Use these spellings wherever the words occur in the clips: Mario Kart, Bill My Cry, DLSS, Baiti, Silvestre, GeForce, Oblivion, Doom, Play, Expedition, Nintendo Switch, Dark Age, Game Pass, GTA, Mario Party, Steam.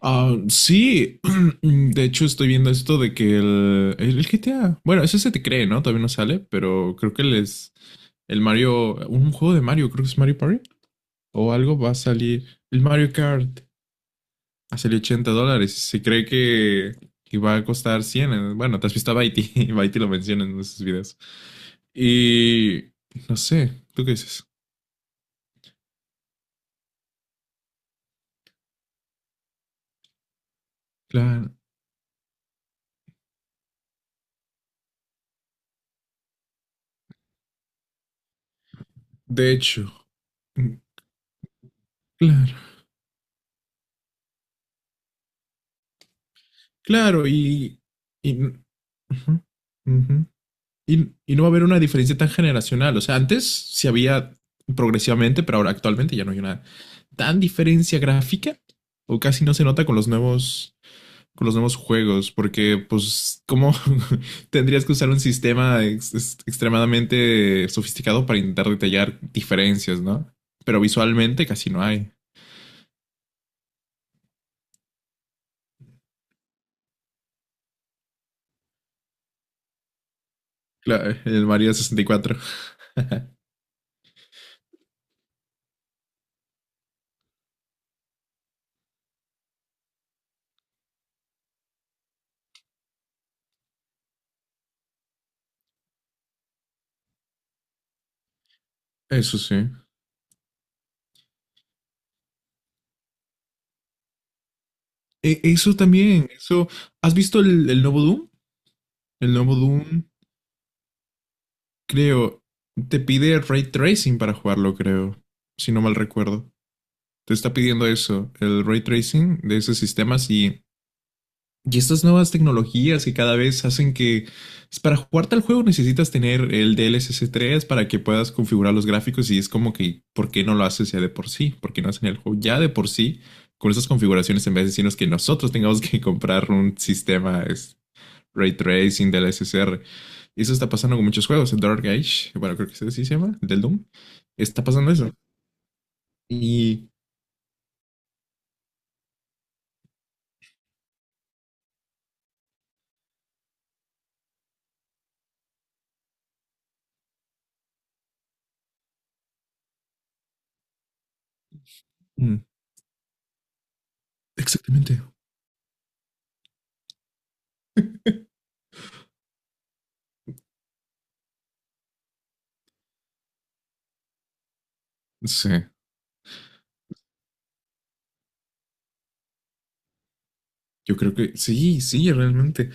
Ah, sí, de hecho estoy viendo esto de que el GTA, bueno, eso se te cree, ¿no? Todavía no sale, pero creo que les, el Mario, un juego de Mario, creo que es Mario Party o algo va a salir, el Mario Kart a salir $80, y se cree que va a costar 100. Bueno, te has visto a Baiti, y Baiti lo menciona en sus videos. Y no sé, ¿tú qué dices? Claro, de hecho. mm, claro, claro, uh -huh, uh -huh. Y no va a haber una diferencia tan generacional. O sea, antes sí había progresivamente, pero ahora actualmente ya no hay una tan diferencia gráfica, o casi no se nota con los nuevos juegos, porque pues cómo tendrías que usar un sistema extremadamente sofisticado para intentar detallar diferencias, ¿no? Pero visualmente casi no hay. Claro, el Mario 64. Eso sí. E, eso también, eso ¿Has visto el nuevo Doom? El nuevo Doom, creo, te pide ray tracing para jugarlo, creo, si no mal recuerdo. Te está pidiendo eso, el ray tracing de esos sistemas, y estas nuevas tecnologías que cada vez hacen que, pues, para jugar tal juego necesitas tener el DLSS 3 para que puedas configurar los gráficos, y es como que, ¿por qué no lo haces ya de por sí? ¿Por qué no hacen el juego ya de por sí con esas configuraciones en vez de decirnos que nosotros tengamos que comprar un sistema es, ray tracing del r y eso está pasando con muchos juegos. El Dark Age, bueno, creo que ese sí se llama, del Doom. Está pasando eso. Y. mm, Exactamente. Sí. Yo creo que sí, sí, realmente.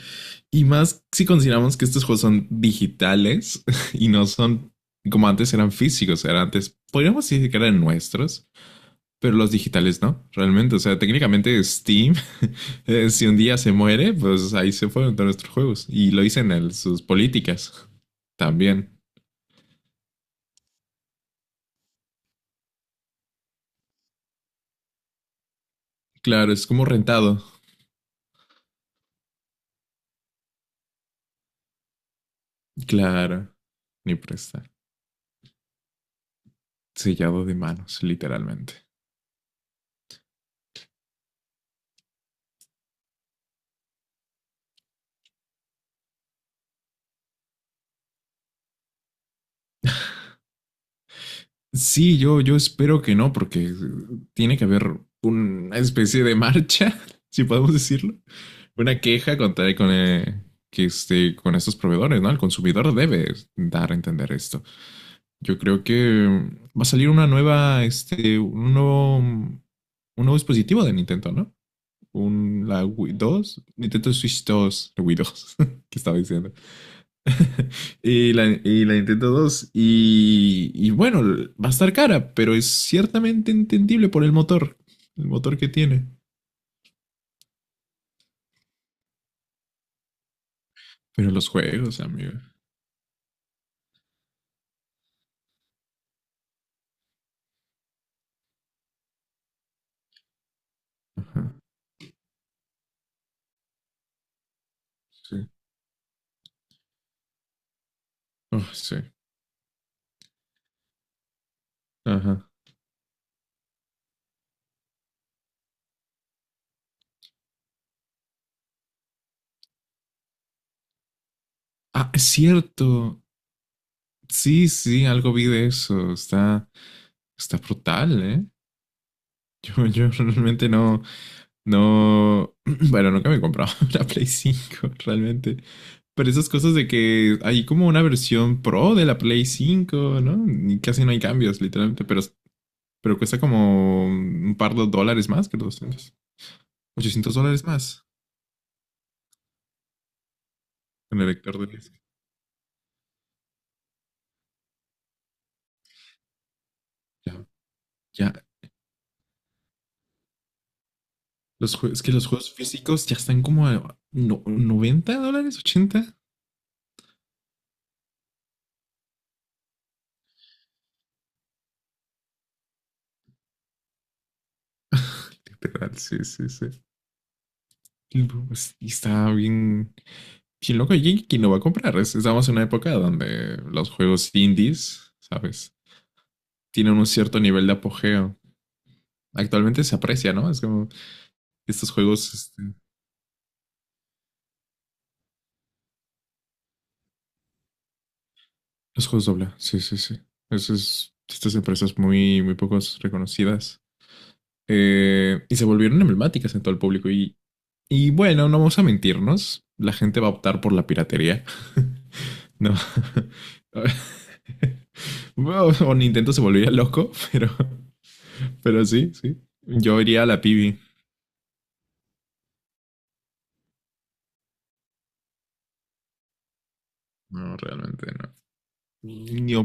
Y más si consideramos que estos juegos son digitales, y no son como antes. Eran físicos, eran antes, podríamos decir que eran nuestros, pero los digitales no, realmente. O sea, técnicamente Steam, si un día se muere, pues ahí se fueron todos nuestros juegos. Y lo dicen en sus políticas también. Claro, es como rentado. Claro, ni prestar. Sellado de manos, literalmente. Sí, yo espero que no, porque tiene que haber una especie de marcha, si podemos decirlo. Una queja contra con estos proveedores, ¿no? El consumidor debe dar a entender esto. Yo creo que va a salir una nueva, este, un nuevo, mm, un nuevo dispositivo de Nintendo, ¿no? Un, la Wii 2 Nintendo Switch 2, la Wii 2, que estaba diciendo. Y la Nintendo 2. Y bueno, va a estar cara, pero es ciertamente entendible por el motor. El motor que tiene. Pero los juegos, amigo. Ajá, sí. Oh, sí. Ajá. Ah, es cierto. Sí, sí, algo vi de eso. Está, está brutal, ¿eh? Yo, yo realmente no, no, bueno, nunca me he comprado una Play 5 realmente. Pero esas cosas de que hay como una versión pro de la Play 5, ¿no? Y casi no hay cambios, literalmente, pero cuesta como un par de dólares más que los 200. $800 más con el lector de disco. Ya, ya. Los juegos, es que los juegos físicos ya están como a $90, ochenta. Literal, sí, sí, sí. Y está bien, bien loco. ¿Y quién lo va a comprar? Estamos en una época donde los juegos indies, ¿sabes? Tienen un cierto nivel de apogeo. Actualmente se aprecia, ¿no? Es como estos juegos, este, los juegos doble, sí, sí, sí. Eso es. Estas empresas muy, muy pocos reconocidas. Y se volvieron emblemáticas en todo el público. Y bueno, no vamos a mentirnos, la gente va a optar por la piratería. No. Bueno, o Nintendo se volvería loco, pero sí, sí. Yo iría a la pibi. No, realmente no. Yo-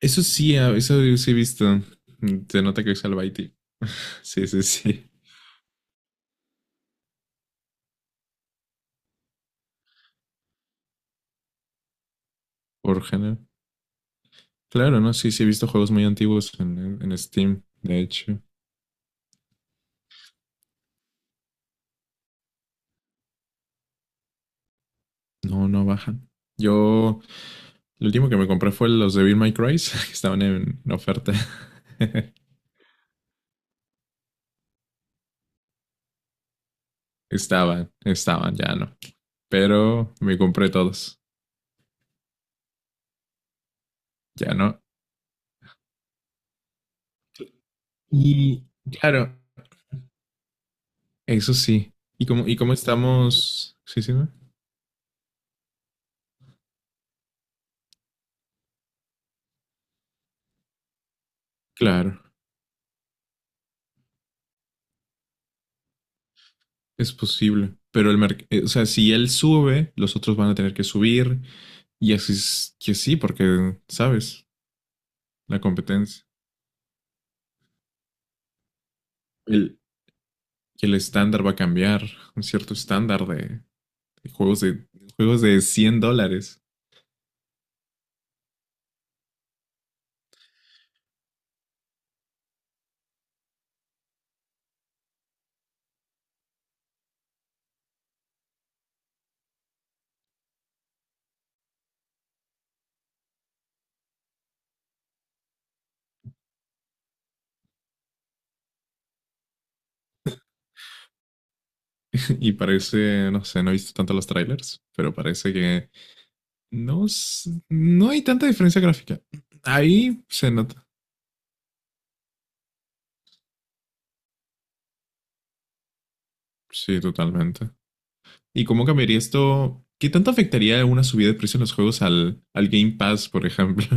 Eso sí, ah, eso sí he visto. Se nota que es al Baiti. Sí, sí, sí. Por género. Claro, no, sí, sí he visto juegos muy antiguos en Steam, de hecho. No, no bajan. Yo, lo último que me compré fue los de Bill My Cry, que estaban en oferta. Estaban, estaban, ya no. Pero me compré todos, ya no. Y claro, eso sí. Y cómo estamos? Sí, sí, ¿no? Claro, es posible. Pero o sea, si él sube, los otros van a tener que subir. Y así es que sí, porque, ¿sabes? La competencia. El, que el estándar va a cambiar, un cierto estándar de juegos de juegos de $100. Y parece, no sé, no he visto tanto los trailers, pero parece que no, no hay tanta diferencia gráfica. Ahí se nota. Sí, totalmente. ¿Y cómo cambiaría esto? ¿Qué tanto afectaría una subida de precio en los juegos al, al Game Pass, por ejemplo?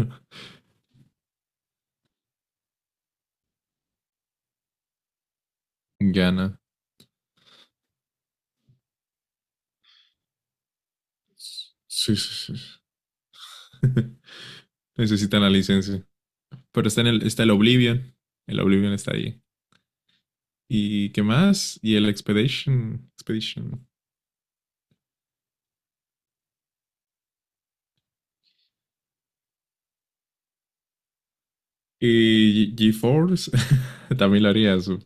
Gana. Sí, sí, sí. Necesitan la licencia. Pero está en el, está el Oblivion. El Oblivion está ahí. ¿Y qué más? Y el Expedition. Expedition. GeForce. También lo haría su.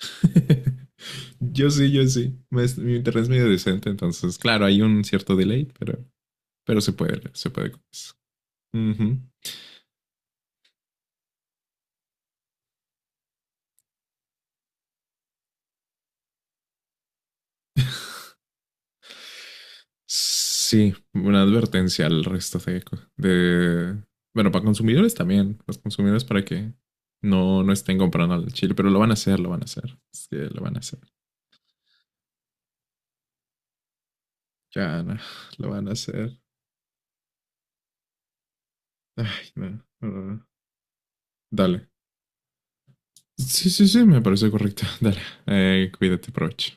Yo sí, yo sí. Mi internet es medio decente, entonces, claro, hay un cierto delay, pero se puede con eso. Ujú. Sí, una advertencia al resto de, de- bueno, para consumidores también. Los consumidores para que no, no estén comprando al chile, pero lo van a hacer, lo van a hacer. Sí, lo van a hacer. Ya, no, lo van a hacer. Ay, no, no, no, no. Dale. Sí, sí, sí, me parece correcto. Dale. Cuídate, provecho.